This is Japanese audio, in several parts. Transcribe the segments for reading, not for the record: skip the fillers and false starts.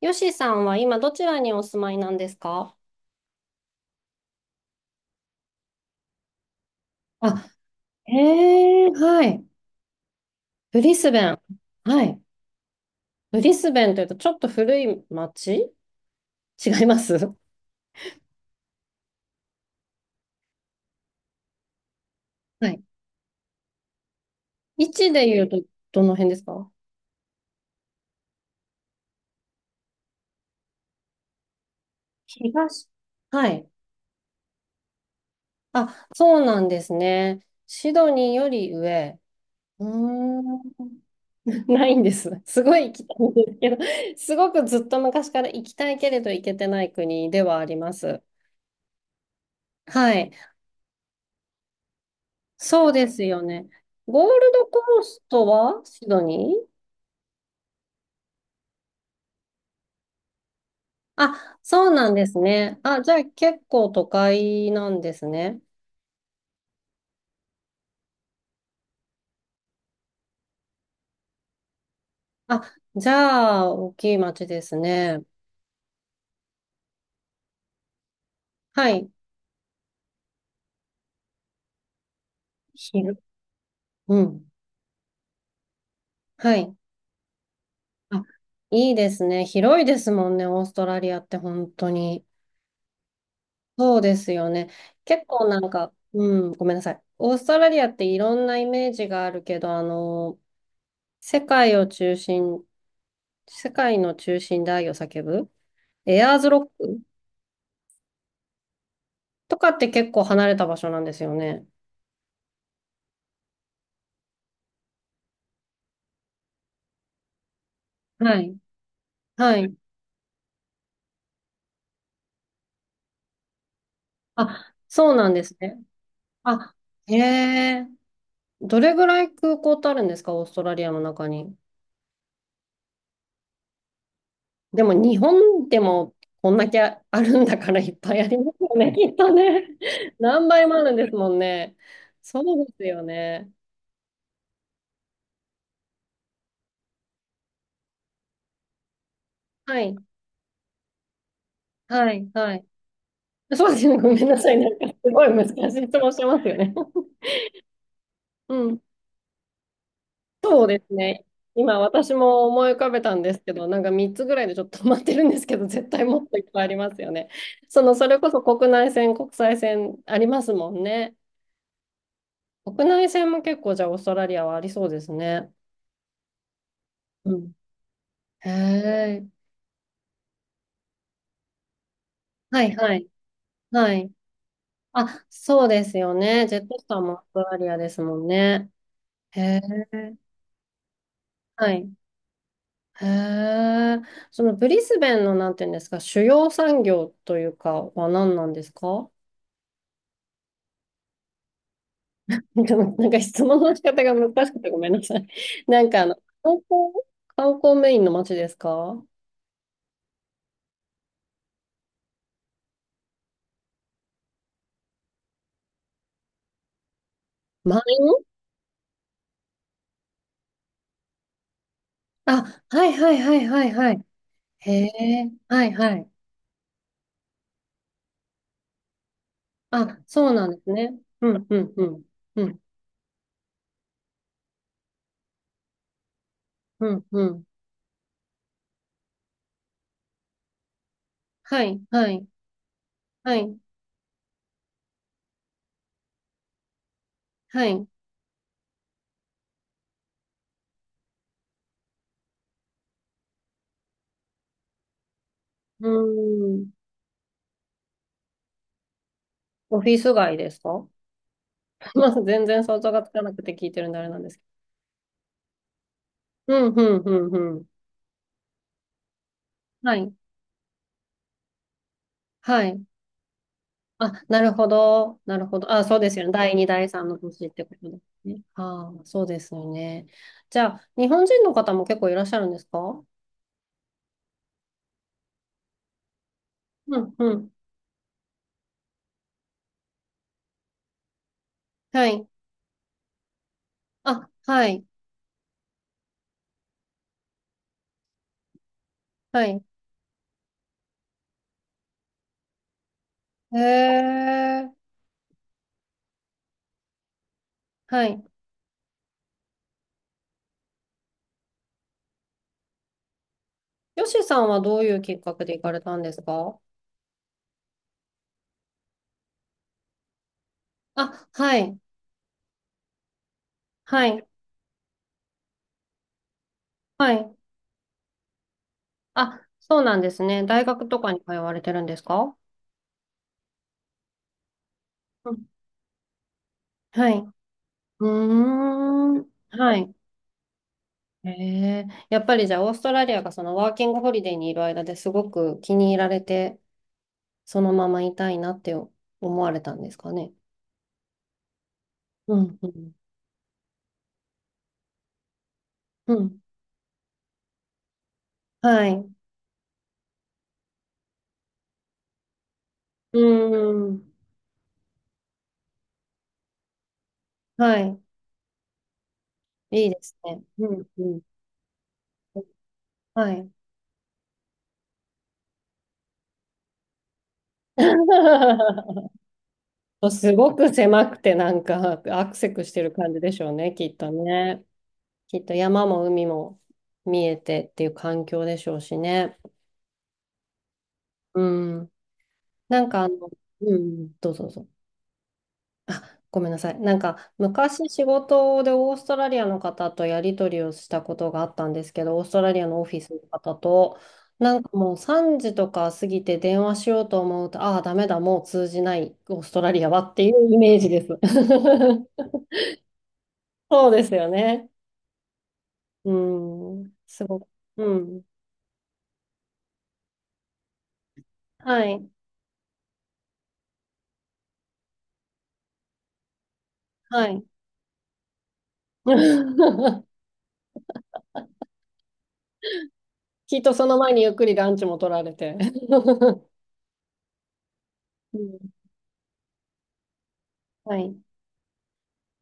よしさんは今どちらにお住まいなんですか？あ、ええ、はい。ブリスベン。はい。ブリスベンというとちょっと古い町違いますはい。位置で言うとどの辺ですか？東。はい。あ、そうなんですね。シドニーより上。うーん。ないんです。すごい行きたいんですけど、すごくずっと昔から行きたいけれど行けてない国ではあります。はい。そうですよね。ゴールドコーストはシドニーあ、そうなんですね。あ、じゃあ結構都会なんですね。あ、じゃあ大きい町ですね。はい。広、うん。はい。あ、いいですね。広いですもんね、オーストラリアって本当に。そうですよね。結構、うん、ごめんなさい。オーストラリアっていろんなイメージがあるけど、世界を中心、世界の中心で愛を叫ぶエアーズロックとかって結構離れた場所なんですよね。はい。はい。あ、そうなんですね。あ、へえ。どれぐらい空港ってあるんですか、オーストラリアの中に。でも日本でもこんだけあるんだからいっぱいありますよね、きっとね。何倍もあるんですもんね。そうですよね。はい。はい。はい。そうですね。ごめんなさい。なんかすごい難しい質問してますよね。うん。そうですね。今私も思い浮かべたんですけど、なんか3つぐらいでちょっと止まってるんですけど、絶対もっといっぱいありますよね。その、それこそ国内線、国際線ありますもんね。国内線も結構じゃあオーストラリアはありそうですね。うん。へえ。はいはい。はい。あ、そうですよね。ジェットスターもオーストラリアですもんね。へえ。はい。へえ。そのブリスベンのなんていうんですか、主要産業というかは何なんですか？ なんか質問の仕方が難しくてごめんなさい。なんか観光、観光メインの街ですか？満員あ、はいはいはいはいはい。へえ、はいはい。あ、そうなんですね。うんうんうん。うんうんうん。はいはいはいはい。うーん。オフィス街ですか？ まあ全然想像がつかなくて聞いてるんであれなんですけど。うんうんうんうん。はいはいあ、なるほど。なるほど。あ、そうですよね。第2、第3の年ってことですね。ああ、そうですよね。じゃあ、日本人の方も結構いらっしゃるんですか？うん、うん。はい。あ、はい。はい。へえ。はい。よしさんはどういうきっかけで行かれたんですか？あ、はい。はい。はい。あ、そうなんですね。大学とかに通われてるんですか？うん。はい。うーん。はい。へえ、やっぱりじゃあオーストラリアがそのワーキングホリデーにいる間ですごく気に入られて、そのままいたいなって思われたんですかね。うん、うん、うん。はい。うん。はい。いいですね。うん。はい。すごく狭くてなんかアクセクしてる感じでしょうね、きっとね。きっと山も海も見えてっていう環境でしょうしね。うん。なんかうん、どうぞどうぞ。ごめんなさい。なんか昔仕事でオーストラリアの方とやり取りをしたことがあったんですけど、オーストラリアのオフィスの方と、なんかもう3時とか過ぎて電話しようと思うと、ああ、ダメだ、もう通じない、オーストラリアはっていうイメージです。そうですよね。うん、すごく。うん。はい、はい。きっとその前にゆっくりランチも取られて。うん、はい。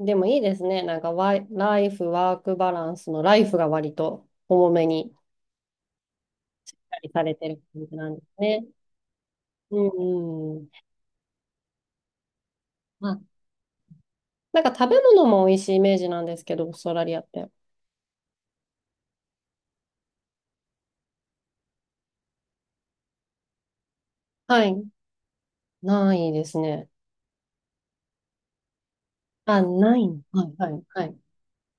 でもいいですね。なんかワイ、ライフ、ワークバランスのライフが割と重めにされてる感じなんですね。うんうん。まあ、なんか食べ物も美味しいイメージなんですけど、オーストラリアって。はい。ないですね。あ、ない。はい、はい、はい。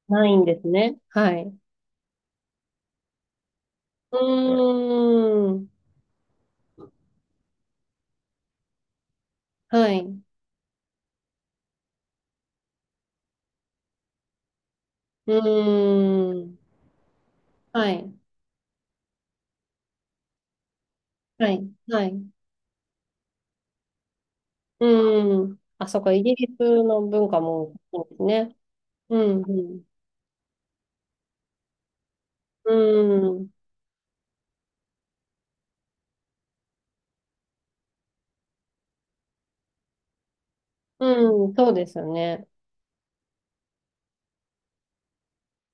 ないんですね。はい。うーん。はい。うーん。はい。はい。はい。うーん。あ、そっか、イギリスの文化も多いですね。うん、うん。うーん。うん、そうですよね。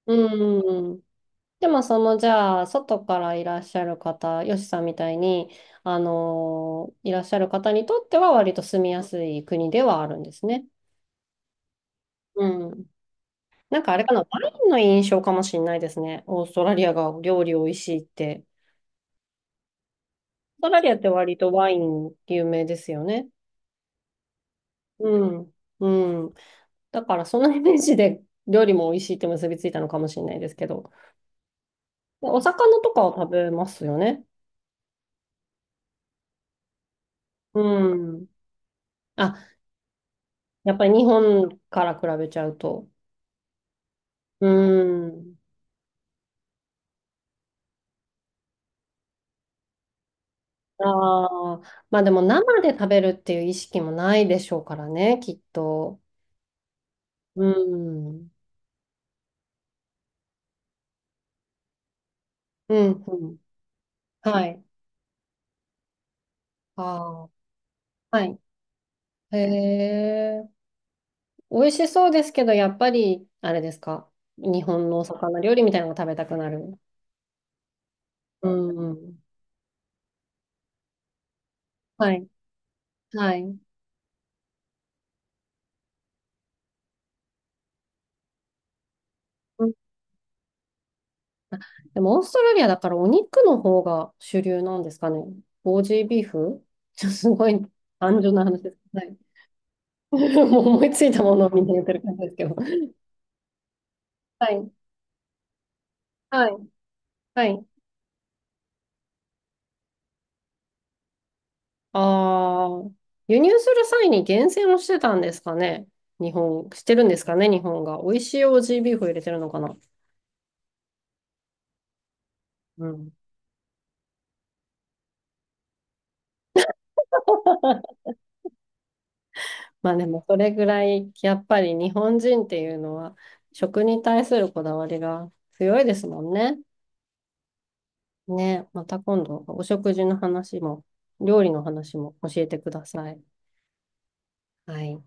うん。でも、その、じゃあ、外からいらっしゃる方、よしさんみたいに、あのーいらっしゃる方にとっては、割と住みやすい国ではあるんですね。うん。なんかあれかな、ワインの印象かもしれないですね。オーストラリアが料理美味しいって。オーストラリアって割とワイン有名ですよね。うん。うん。だから、そのイメージで料理も美味しいって結びついたのかもしれないですけど。お魚とかを食べますよね。うん。あ、やっぱり日本から比べちゃうと。うーん。ああ、まあでも生で食べるっていう意識もないでしょうからね、きっと。うん。うん、うん。はい。ああ、はい。へえ。美味しそうですけど、やっぱり、あれですか。日本のお魚料理みたいなのが食べたくなる。うん。はい。はい。でも、オーストラリアだからお肉の方が主流なんですかね。ボージービーフちょっと すごい単純な話です。はい。もう思いついたものをみんな言ってる感じですけど。はい。はい。はい。ああ、輸入する際に厳選をしてたんですかね。日本、してるんですかね、日本が。美味しいオージービーフを入れてるのかな。うん。まあでも、それぐらい、やっぱり日本人っていうのは、食に対するこだわりが強いですもんね。ね、また今度お食事の話も、料理の話も教えてください。はい。